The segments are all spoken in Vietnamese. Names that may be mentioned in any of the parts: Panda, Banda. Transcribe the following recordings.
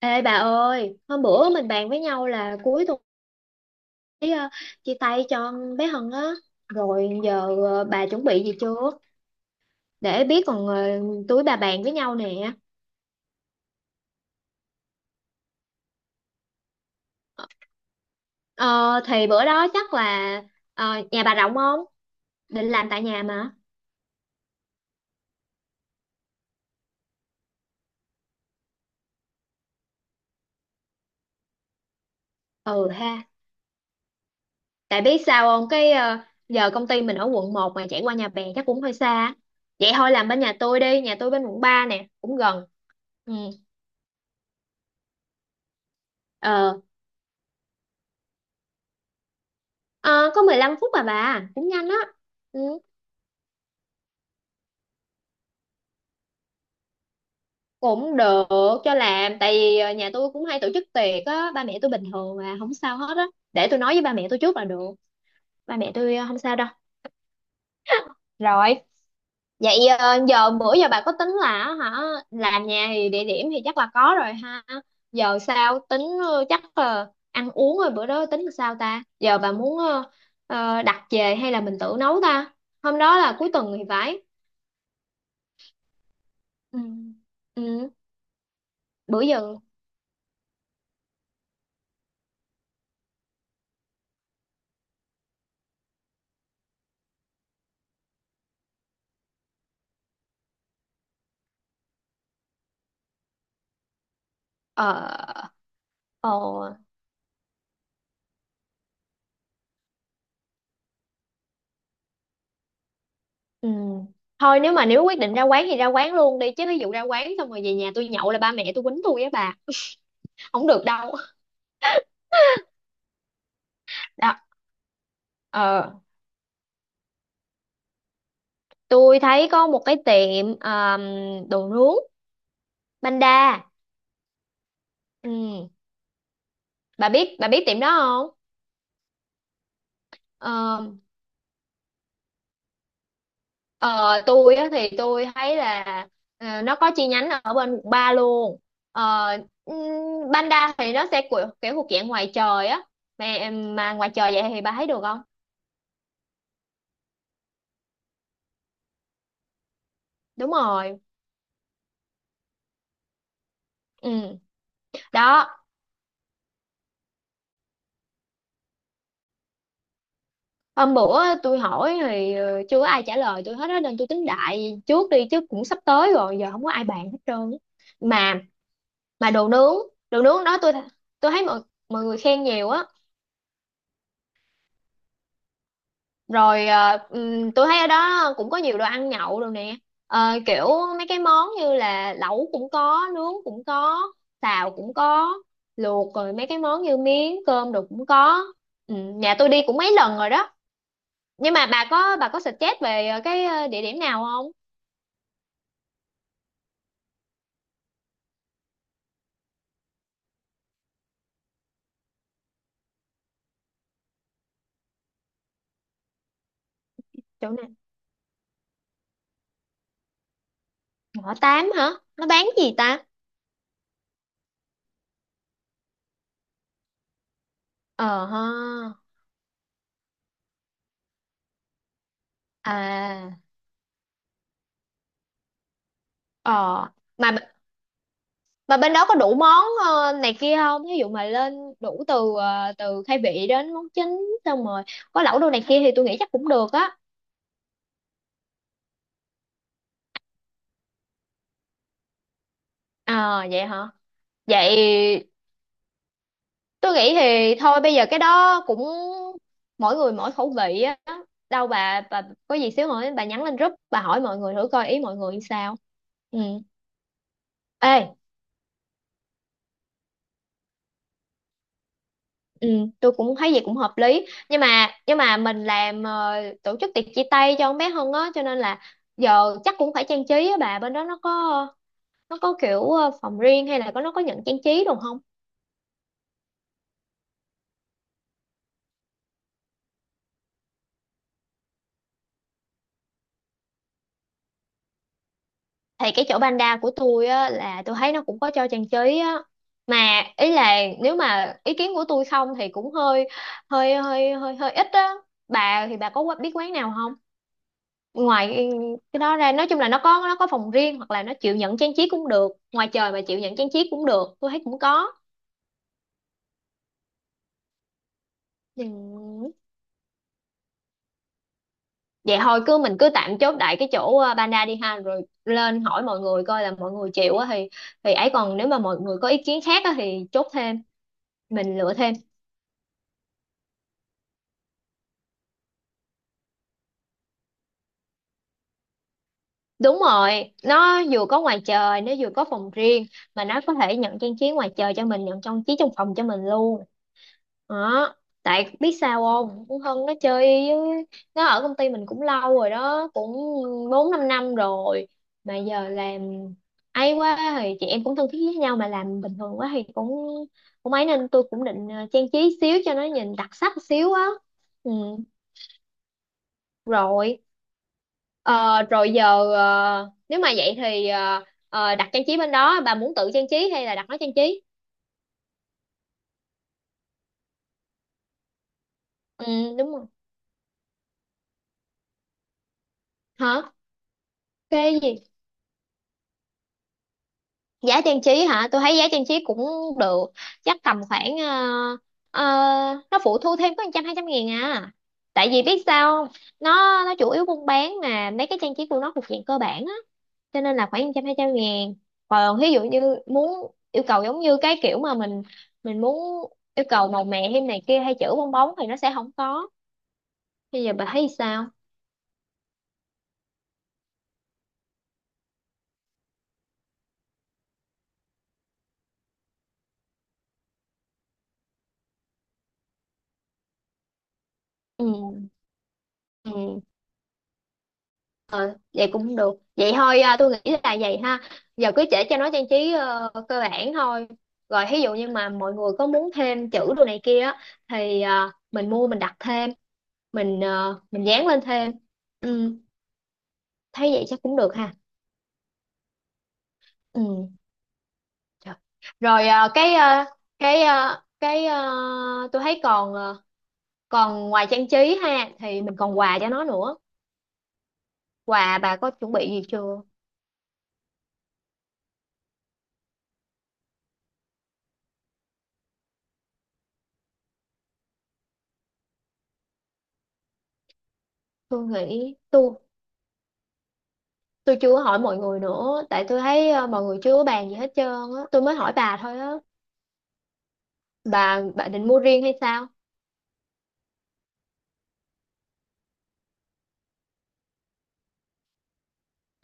Ê bà ơi, hôm bữa mình bàn với nhau là cuối tuần ấy, chia tay cho bé Hân á. Rồi giờ bà chuẩn bị gì chưa? Để biết còn túi bà bàn với nhau nè. Ờ, thì bữa đó chắc là nhà bà rộng không? Định làm tại nhà mà. Ừ ha. Tại biết sao không? Giờ công ty mình ở Quận 1 mà chạy qua nhà bè chắc cũng hơi xa. Vậy thôi làm bên nhà tôi đi, nhà tôi bên Quận 3 nè, cũng gần. Ừ. Ờ. Ờ, có 15 phút à, bà cũng nhanh á. Ừ, cũng được cho làm tại vì nhà tôi cũng hay tổ chức tiệc á, ba mẹ tôi bình thường mà không sao hết á. Để tôi nói với ba mẹ tôi trước là được, ba mẹ tôi không sao đâu. Rồi, vậy giờ bữa giờ bà có tính là hả, làm nhà thì địa điểm thì chắc là có rồi ha. Giờ sao tính chắc ăn uống rồi bữa đó tính là sao ta, giờ bà muốn đặt về hay là mình tự nấu ta? Hôm đó là cuối tuần thì phải. Ừ. Ừ. Bữa giờ ờ ờ ừ. Thôi nếu mà quyết định ra quán thì ra quán luôn đi, chứ ví dụ ra quán xong rồi về nhà tôi nhậu là ba mẹ tôi quýnh tôi á bà. Không được đâu. Đó. ờ tôi thấy có một cái tiệm đồ nướng, Banda. Ừ. Bà biết tiệm đó không? Ờ. Ờ, tôi á, thì tôi thấy là nó có chi nhánh ở bên Quận 3 luôn. ờ, ừm, Banda thì nó sẽ kiểu thuộc dạng ngoài trời á, mà ngoài trời vậy thì bà thấy được không? Đúng rồi. Ừ. Đó. Hôm bữa tôi hỏi thì chưa có ai trả lời tôi hết á, nên tôi tính đại trước đi chứ cũng sắp tới rồi, giờ không có ai bàn hết trơn á. mà mà đồ nướng, đó tôi thấy mọi mọi người khen nhiều á. Rồi tôi thấy ở đó cũng có nhiều đồ ăn nhậu rồi nè. Kiểu mấy cái món như là lẩu cũng có, nướng cũng có, xào cũng có, luộc, rồi mấy cái món như miếng cơm đồ cũng có. Ừ, nhà tôi đi cũng mấy lần rồi đó. Nhưng mà bà có suggest về địa điểm nào không? Chỗ này? Ngõ tám hả? Nó bán gì ta? Ờ ha. À. ờ mà Mà bên đó có đủ món này kia không? Ví dụ mà lên đủ từ khai vị đến món chính, xong rồi có lẩu đồ này kia thì tôi nghĩ chắc cũng được á. À vậy hả? Vậy tôi nghĩ thì thôi bây giờ cái đó cũng mỗi người mỗi khẩu vị á. Đâu bà, có gì xíu hỏi, bà nhắn lên group, bà hỏi mọi người thử coi ý mọi người sao. Ừ. Ê. Ừ, tôi cũng thấy vậy cũng hợp lý, nhưng mà mình làm tổ chức tiệc chia tay cho con bé Hân á, cho nên là giờ chắc cũng phải trang trí á bà. Bên đó nó có kiểu phòng riêng, hay là có nó có nhận trang trí đồ không? Thì cái chỗ Panda của tôi á, là tôi thấy nó cũng có cho trang trí á. Mà ý là nếu mà ý kiến của tôi không thì cũng hơi hơi hơi hơi hơi ít á. Bà thì bà có biết quán nào không, ngoài cái đó ra? Nói chung là nó có, phòng riêng, hoặc là nó chịu nhận trang trí cũng được, ngoài trời mà chịu nhận trang trí cũng được, tôi thấy cũng có. Ừ. Vậy thôi cứ mình cứ tạm chốt đại cái chỗ Panda đi ha, rồi lên hỏi mọi người coi là mọi người chịu á thì. Ấy, còn nếu mà mọi người có ý kiến khác á thì chốt thêm, mình lựa thêm. Đúng rồi, nó vừa có ngoài trời, nó vừa có phòng riêng, mà nó có thể nhận trang trí ngoài trời cho mình, nhận trang trí trong phòng cho mình luôn. Đó. Tại biết sao không? Cũng Hân, nó chơi với, nó ở công ty mình cũng lâu rồi đó, cũng 4-5 năm rồi. Mà giờ làm ấy quá thì chị em cũng thân thiết với nhau, mà làm bình thường quá thì cũng cũng ấy, nên tôi cũng định trang trí xíu cho nó nhìn đặc sắc xíu á. Ừ, rồi. Ờ, rồi giờ nếu mà vậy thì đặt trang trí bên đó, bà muốn tự trang trí hay là đặt nó trang trí? Ừ, đúng rồi. Hả? Cái gì? Giá trang trí hả? Tôi thấy giá trang trí cũng được, chắc tầm khoảng ờ, nó phụ thu thêm có 100 200 nghìn à. Tại vì biết sao không? Nó, chủ yếu buôn bán mà mấy cái trang trí của nó thuộc dạng cơ bản á, cho nên là khoảng 100 200 ngàn. Còn ví dụ như muốn yêu cầu giống như cái kiểu mà mình, muốn yêu cầu màu mè thêm này kia, hay chữ bong bóng thì nó sẽ không có. Bây giờ bà thấy sao? Ừ. Ừ, vậy cũng được. Vậy thôi à, tôi nghĩ là vậy ha. Giờ cứ để cho nó trang trí cơ bản thôi, rồi ví dụ như mà mọi người có muốn thêm chữ đồ này kia á, thì à, mình mua, mình đặt thêm, mình dán lên thêm. Ừ, thấy vậy chắc cũng được ha. Ừ. Trời. Rồi cái tôi thấy còn còn ngoài trang trí ha, thì mình còn quà cho nó nữa. Quà bà có chuẩn bị gì chưa? Tôi nghĩ tôi, chưa hỏi mọi người nữa, tại tôi thấy mọi người chưa có bàn gì hết trơn á, tôi mới hỏi bà thôi á. Bà định mua riêng hay sao?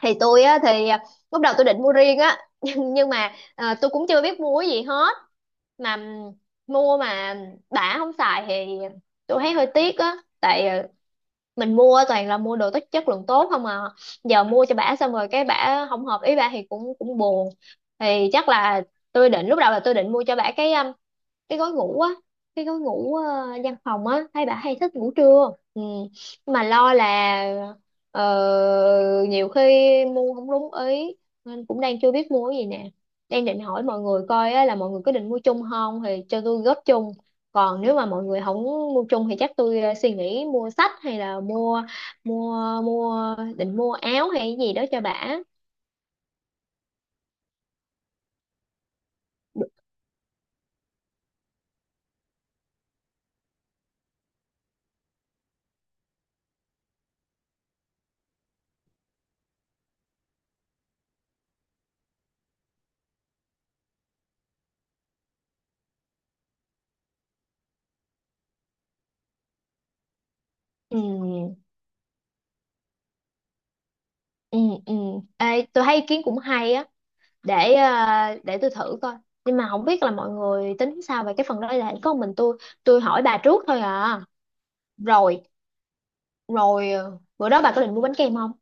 Thì tôi á, thì lúc đầu tôi định mua riêng á. Nhưng mà tôi cũng chưa biết mua cái gì hết. Mà mua mà đã không xài thì tôi thấy hơi tiếc á. Tại mình mua toàn là mua đồ tốt, chất lượng tốt không à, giờ mua cho bả xong rồi cái bả không hợp ý bả thì cũng cũng buồn. Thì chắc là tôi định, lúc đầu là tôi định mua cho bả cái, gói ngủ á, cái gói ngủ văn phòng á, thấy bà hay thích ngủ trưa. Ừ. Mà lo là ờ, nhiều khi mua không đúng ý, nên cũng đang chưa biết mua cái gì nè, đang định hỏi mọi người coi á, là mọi người có định mua chung không thì cho tôi góp chung. Còn nếu mà mọi người không mua chung thì chắc tôi suy nghĩ mua sách, hay là mua mua mua định mua áo hay cái gì đó cho bà. Ừ, ừ, ừ. Ê, tôi thấy ý kiến cũng hay á. để ờ, để tôi thử coi, nhưng mà không biết là mọi người tính sao về cái phần đó, là có mình tôi, hỏi bà trước thôi à. Rồi Rồi bữa đó bà có định mua bánh kem không?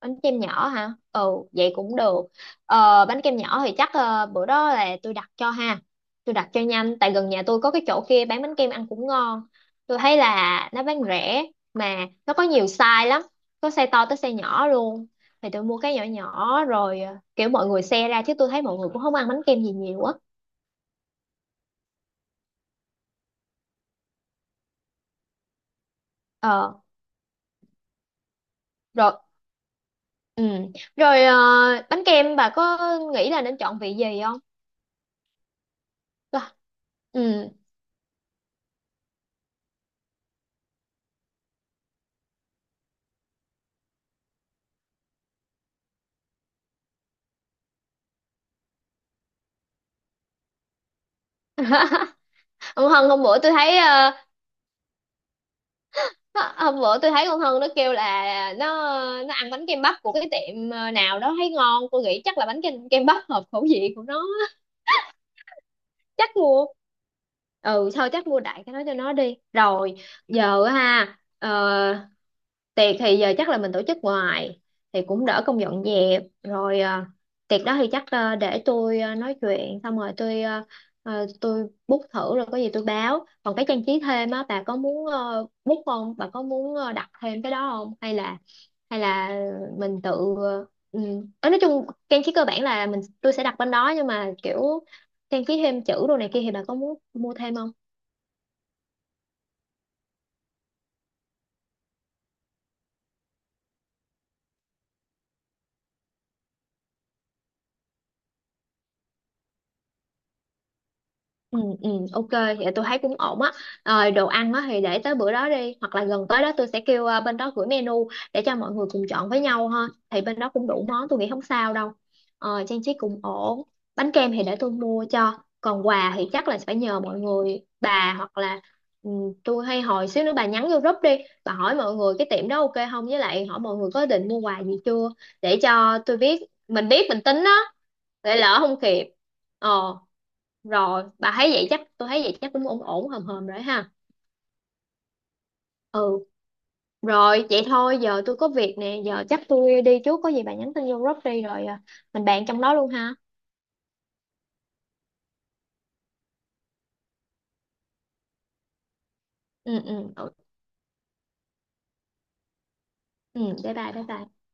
Bánh kem nhỏ hả? Ừ, vậy cũng được. Bánh kem nhỏ thì chắc bữa đó là tôi đặt cho ha, tôi đặt cho nhanh, tại gần nhà tôi có cái chỗ kia bán bánh kem ăn cũng ngon. Tôi thấy là nó bán rẻ, mà nó có nhiều size lắm, có size to tới size nhỏ luôn, thì tôi mua cái nhỏ nhỏ rồi kiểu mọi người share ra, chứ tôi thấy mọi người cũng không ăn bánh kem gì nhiều á. Ờ. Rồi. Ừ. Rồi bánh kem, bà có nghĩ là nên chọn vị gì không? Tôi- Ừ. Ông Hân hôm bữa tôi thấy hôm bữa tôi thấy con Hân nó kêu là nó, ăn bánh kem bắp của cái tiệm nào đó thấy ngon. Tôi nghĩ chắc là bánh kem, bắp hợp khẩu vị của nó á. Chắc mua. Ừ, thôi chắc mua đại cái đó cho nó đi. Rồi giờ á ha tiệc thì giờ chắc là mình tổ chức ngoài thì cũng đỡ công dọn dẹp rồi. Tiệc đó thì chắc để tôi nói chuyện xong rồi tôi, tôi book thử rồi có gì tôi báo. Còn cái trang trí thêm á, bà có muốn book không? Bà có muốn đặt thêm cái đó không? Hay là, hay là mình tự ờ, ừ. Ờ, nói chung trang trí cơ bản là mình, tôi sẽ đặt bên đó, nhưng mà kiểu trang trí thêm chữ đồ này kia thì bà có muốn mua thêm không? Ừ, ừ, ok, vậy tôi thấy cũng ổn á. Rồi đồ ăn á thì để tới bữa đó đi, hoặc là gần tới đó tôi sẽ kêu bên đó gửi menu để cho mọi người cùng chọn với nhau ha. Thì bên đó cũng đủ món, tôi nghĩ không sao đâu. Ờ, trang trí cũng ổn. Bánh kem thì để tôi mua cho. Còn quà thì chắc là phải nhờ mọi người, bà hoặc là ừ, tôi hay, hồi xíu nữa bà nhắn vô group đi, bà hỏi mọi người cái tiệm đó ok không, với lại hỏi mọi người có định mua quà gì chưa, để cho tôi biết mình tính á, để lỡ không kịp. Ờ, rồi bà thấy vậy chắc, tôi thấy vậy chắc cũng ổn ổn hòm hòm rồi ha. Ừ, rồi vậy thôi, giờ tôi có việc nè, giờ chắc tôi đi trước, có gì bà nhắn tin vô group đi rồi à, mình bàn trong đó luôn ha. Ừ, ừ, ừ. Ừ, bye bye bye bye.